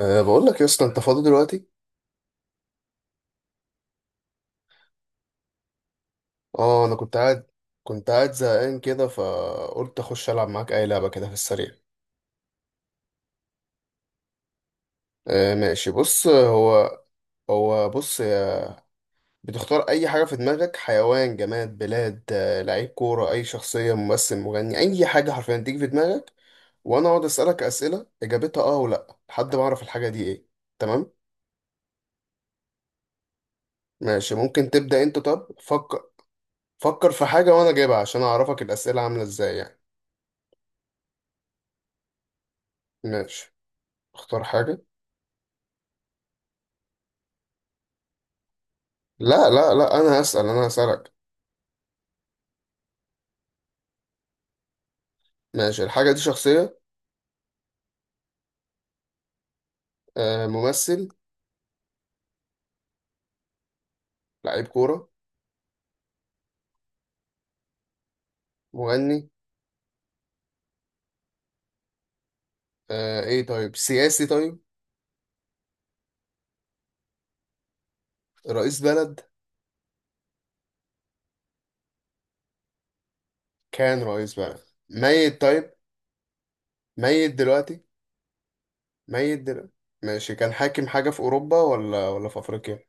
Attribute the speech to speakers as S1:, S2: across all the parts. S1: بقول لك يا اسطى انت فاضي دلوقتي. اه انا كنت قاعد زهقان كده، فقلت اخش العب معاك اي لعبه كده في السريع. أه، ماشي، بص، هو بص يا- بتختار اي حاجه في دماغك، حيوان، جماد، بلاد، لعيب كوره، اي شخصيه، ممثل، مغني، اي حاجه حرفيا تيجي في دماغك، وانا اقعد اسالك اسئله اجابتها اه ولا، لحد ما اعرف الحاجه دي ايه. تمام. ماشي، ممكن تبدا انت، طب فكر. فكر في حاجه وانا جايبها عشان اعرفك الاسئله عامله ازاي يعني. ماشي. اختار حاجه. لا لا لا، انا هسألك. ماشي، الحاجة دي شخصية. آه، ممثل. لعيب كورة. مغني. آه، ايه، طيب سياسي طيب. رئيس بلد. كان رئيس بلد. ميت طيب. ميت دلوقتي. ميت دلوقتي. ماشي، كان حاكم حاجة في أوروبا ولا في أفريقيا.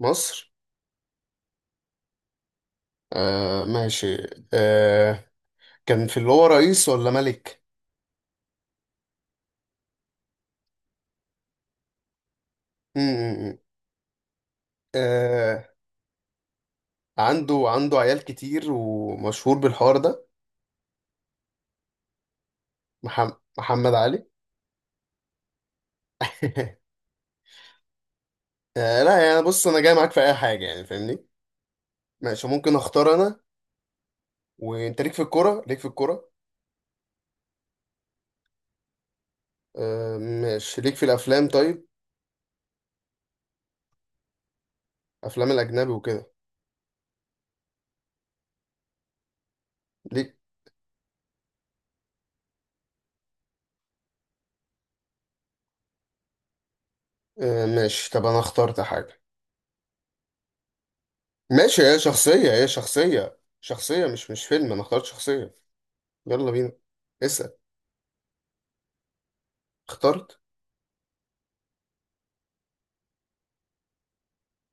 S1: مصر. آه ماشي. آه. كان في اللي هو رئيس ولا ملك. م- م- م. آه، عنده عيال كتير، ومشهور بالحوار ده. محمد علي. آه لا، يعني بص انا جاي معاك في اي حاجه يعني، فاهمني. ماشي، ممكن اختار انا. وانت ليك في الكوره. آه ماشي، ليك في الافلام طيب. افلام الاجنبي وكده. ليك. آه ماشي، طب انا اخترت حاجه. ماشي، هي شخصيه، مش فيلم، انا اخترت شخصيه. يلا بينا. اسال. اخترت.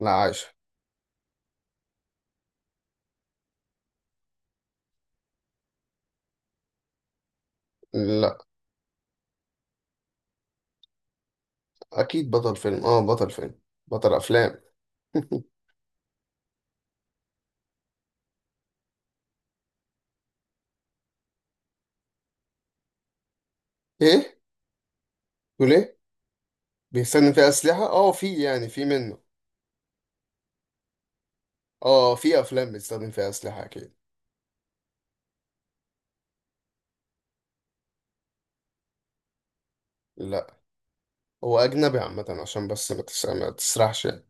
S1: لا عايشه. لا. اكيد بطل فيلم، اه، بطل فيلم. بطل افلام. ايه؟ تقول ايه؟ بيستخدم فيها اسلحه، اه، في يعني، في منه. اه، في افلام بيستخدم فيها اسلحه اكيد. لا، هو أجنبي عامة عشان بس ما تسرحش يعني.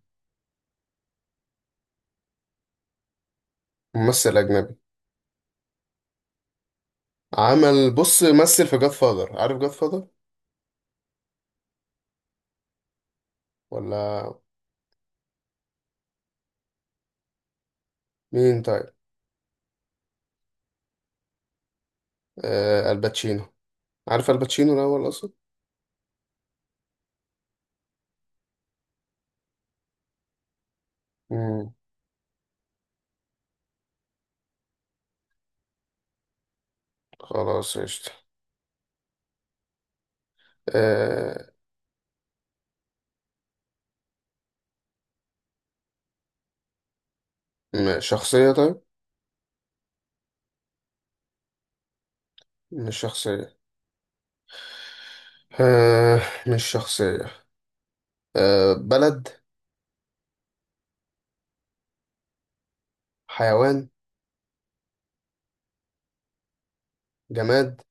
S1: ممثل أجنبي. عمل بص مثل في جاد فاذر، عارف جاد فاذر ولا. مين طيب. آه، الباتشينو. عارف الباتشينو الأول أصلا. مم. خلاص قشطة. آه، شخصية طيب. مش شخصية. آه مش شخصية. آه بلد. حيوان. جماد.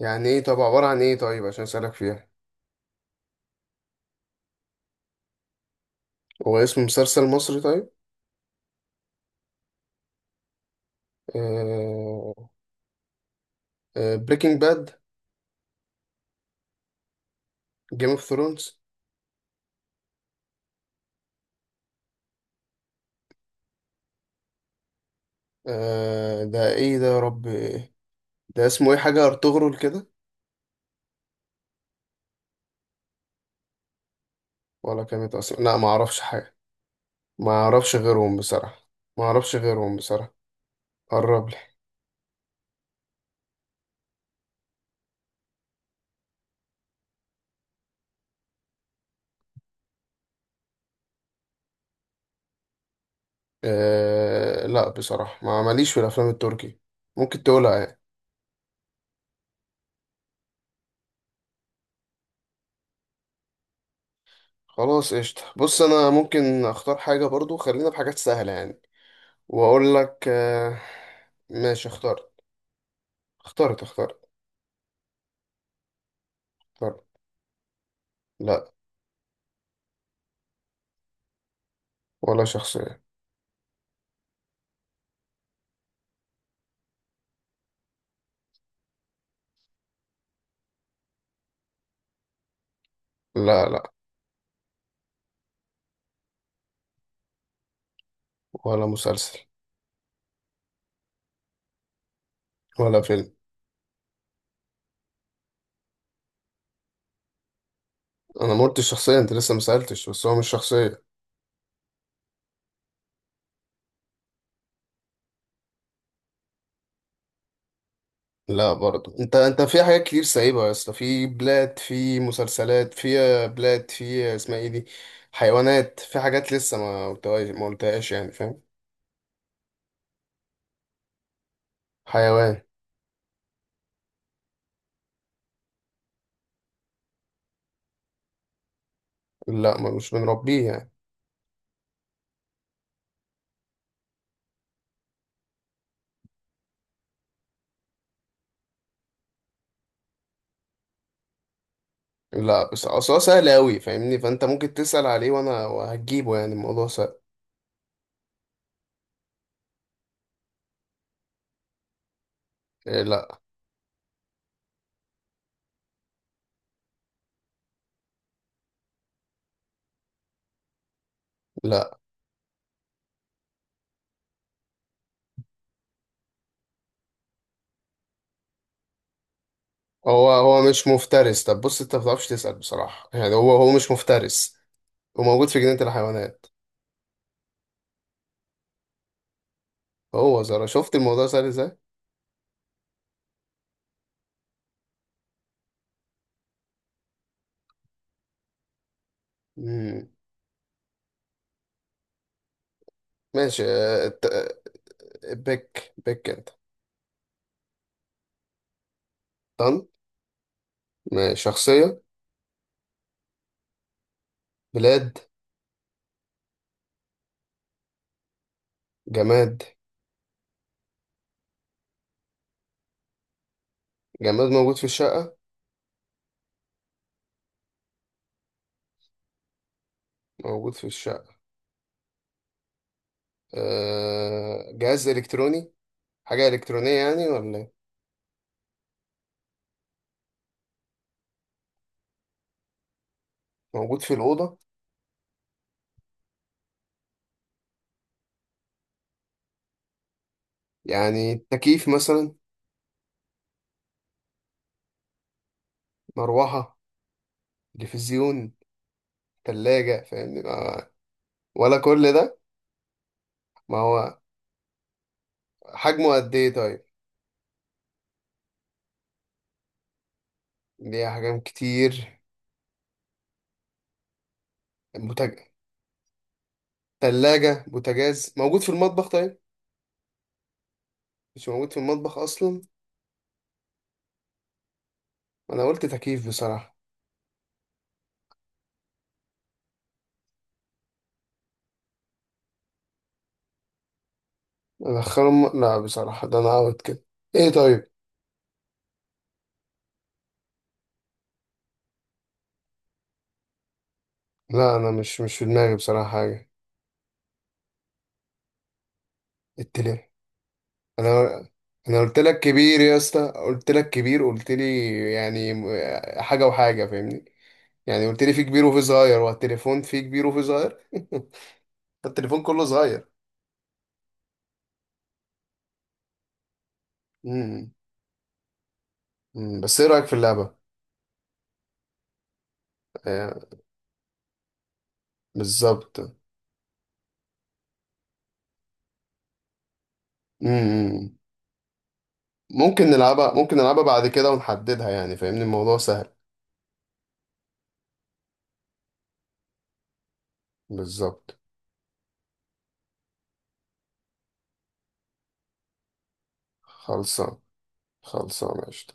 S1: يعني ايه؟ طب عبارة عن ايه طيب عشان أسألك فيها. هو اسم مسلسل مصري طيب. آه. آه، بريكنج باد. جيم اوف ثرونز. آه، ده ايه ده يا رب إيه؟ ده اسمه ايه، حاجة ارطغرل كده. ولا كانت اصلا، لا ما اعرفش حاجة. ما اعرفش غيرهم بصراحة. ما اعرفش غيرهم بصراحة. قرب لي. آه لا، بصراحة ما ماليش في الافلام التركي. ممكن تقولها يعني. خلاص قشطة، بص انا ممكن اختار حاجة برضو، خلينا بحاجات سهلة يعني، واقول لك. ماشي، اخترت. اخترت. اخترت. اخترت. لا. ولا شخصية. لا. لا. ولا مسلسل. ولا فيلم. انا ما قلتش شخصيه، انت لسه ما سالتش، بس هو مش شخصيه. لا برضه، انت في حاجات كتير سايبها يا اسطى، في بلاد، في مسلسلات، في بلاد، في اسمها ايه دي، حيوانات، في حاجات لسه ما قلتهاش يعني، فاهم. حيوان. لا، ما مش بنربيه يعني. لا، بس اصل هو سهل قوي فاهمني، فانت ممكن تسال عليه وانا هجيبه يعني، الموضوع سهل. إيه، لا. لا. هو مش مفترس. طب بص انت ما بتعرفش تسال بصراحه يعني، هو مش مفترس، وموجود في جنينه الحيوانات. هو زرا شفت الموضوع سهل ازاي. مم. ماشي، بك انت. طن. ماشي. شخصية. بلاد. جماد. جماد موجود في الشقة. موجود في الشقة. جهاز إلكتروني. حاجة إلكترونية يعني ولا إيه؟ موجود في الأوضة. يعني تكييف مثلا. مروحة. تلفزيون. تلاجة فاهمني. ولا كل ده. ما هو حجمه قد إيه طيب. ليه أحجام كتير. بوتاج تلاجة، بوتاجاز موجود في المطبخ طيب. مش موجود في المطبخ أصلا. انا قلت تكييف بصراحة. ادخلهم، لا بصراحة ده انا اوت كده. ايه طيب. لا انا مش في دماغي بصراحة حاجة. قلت ليه. انا انا قلت لك كبير يا اسطى، قلت لك كبير، قلت لي يعني حاجة وحاجة فاهمني، يعني قلت لي في كبير وفي صغير، والتليفون في كبير وفي صغير. التليفون كله صغير. امم أمم. بس ايه رأيك في اللعبة؟ آه، بالظبط. امم ممكن نلعبها بعد كده ونحددها يعني فاهمني الموضوع سهل. بالظبط. خلصان. خلصانة قشطة.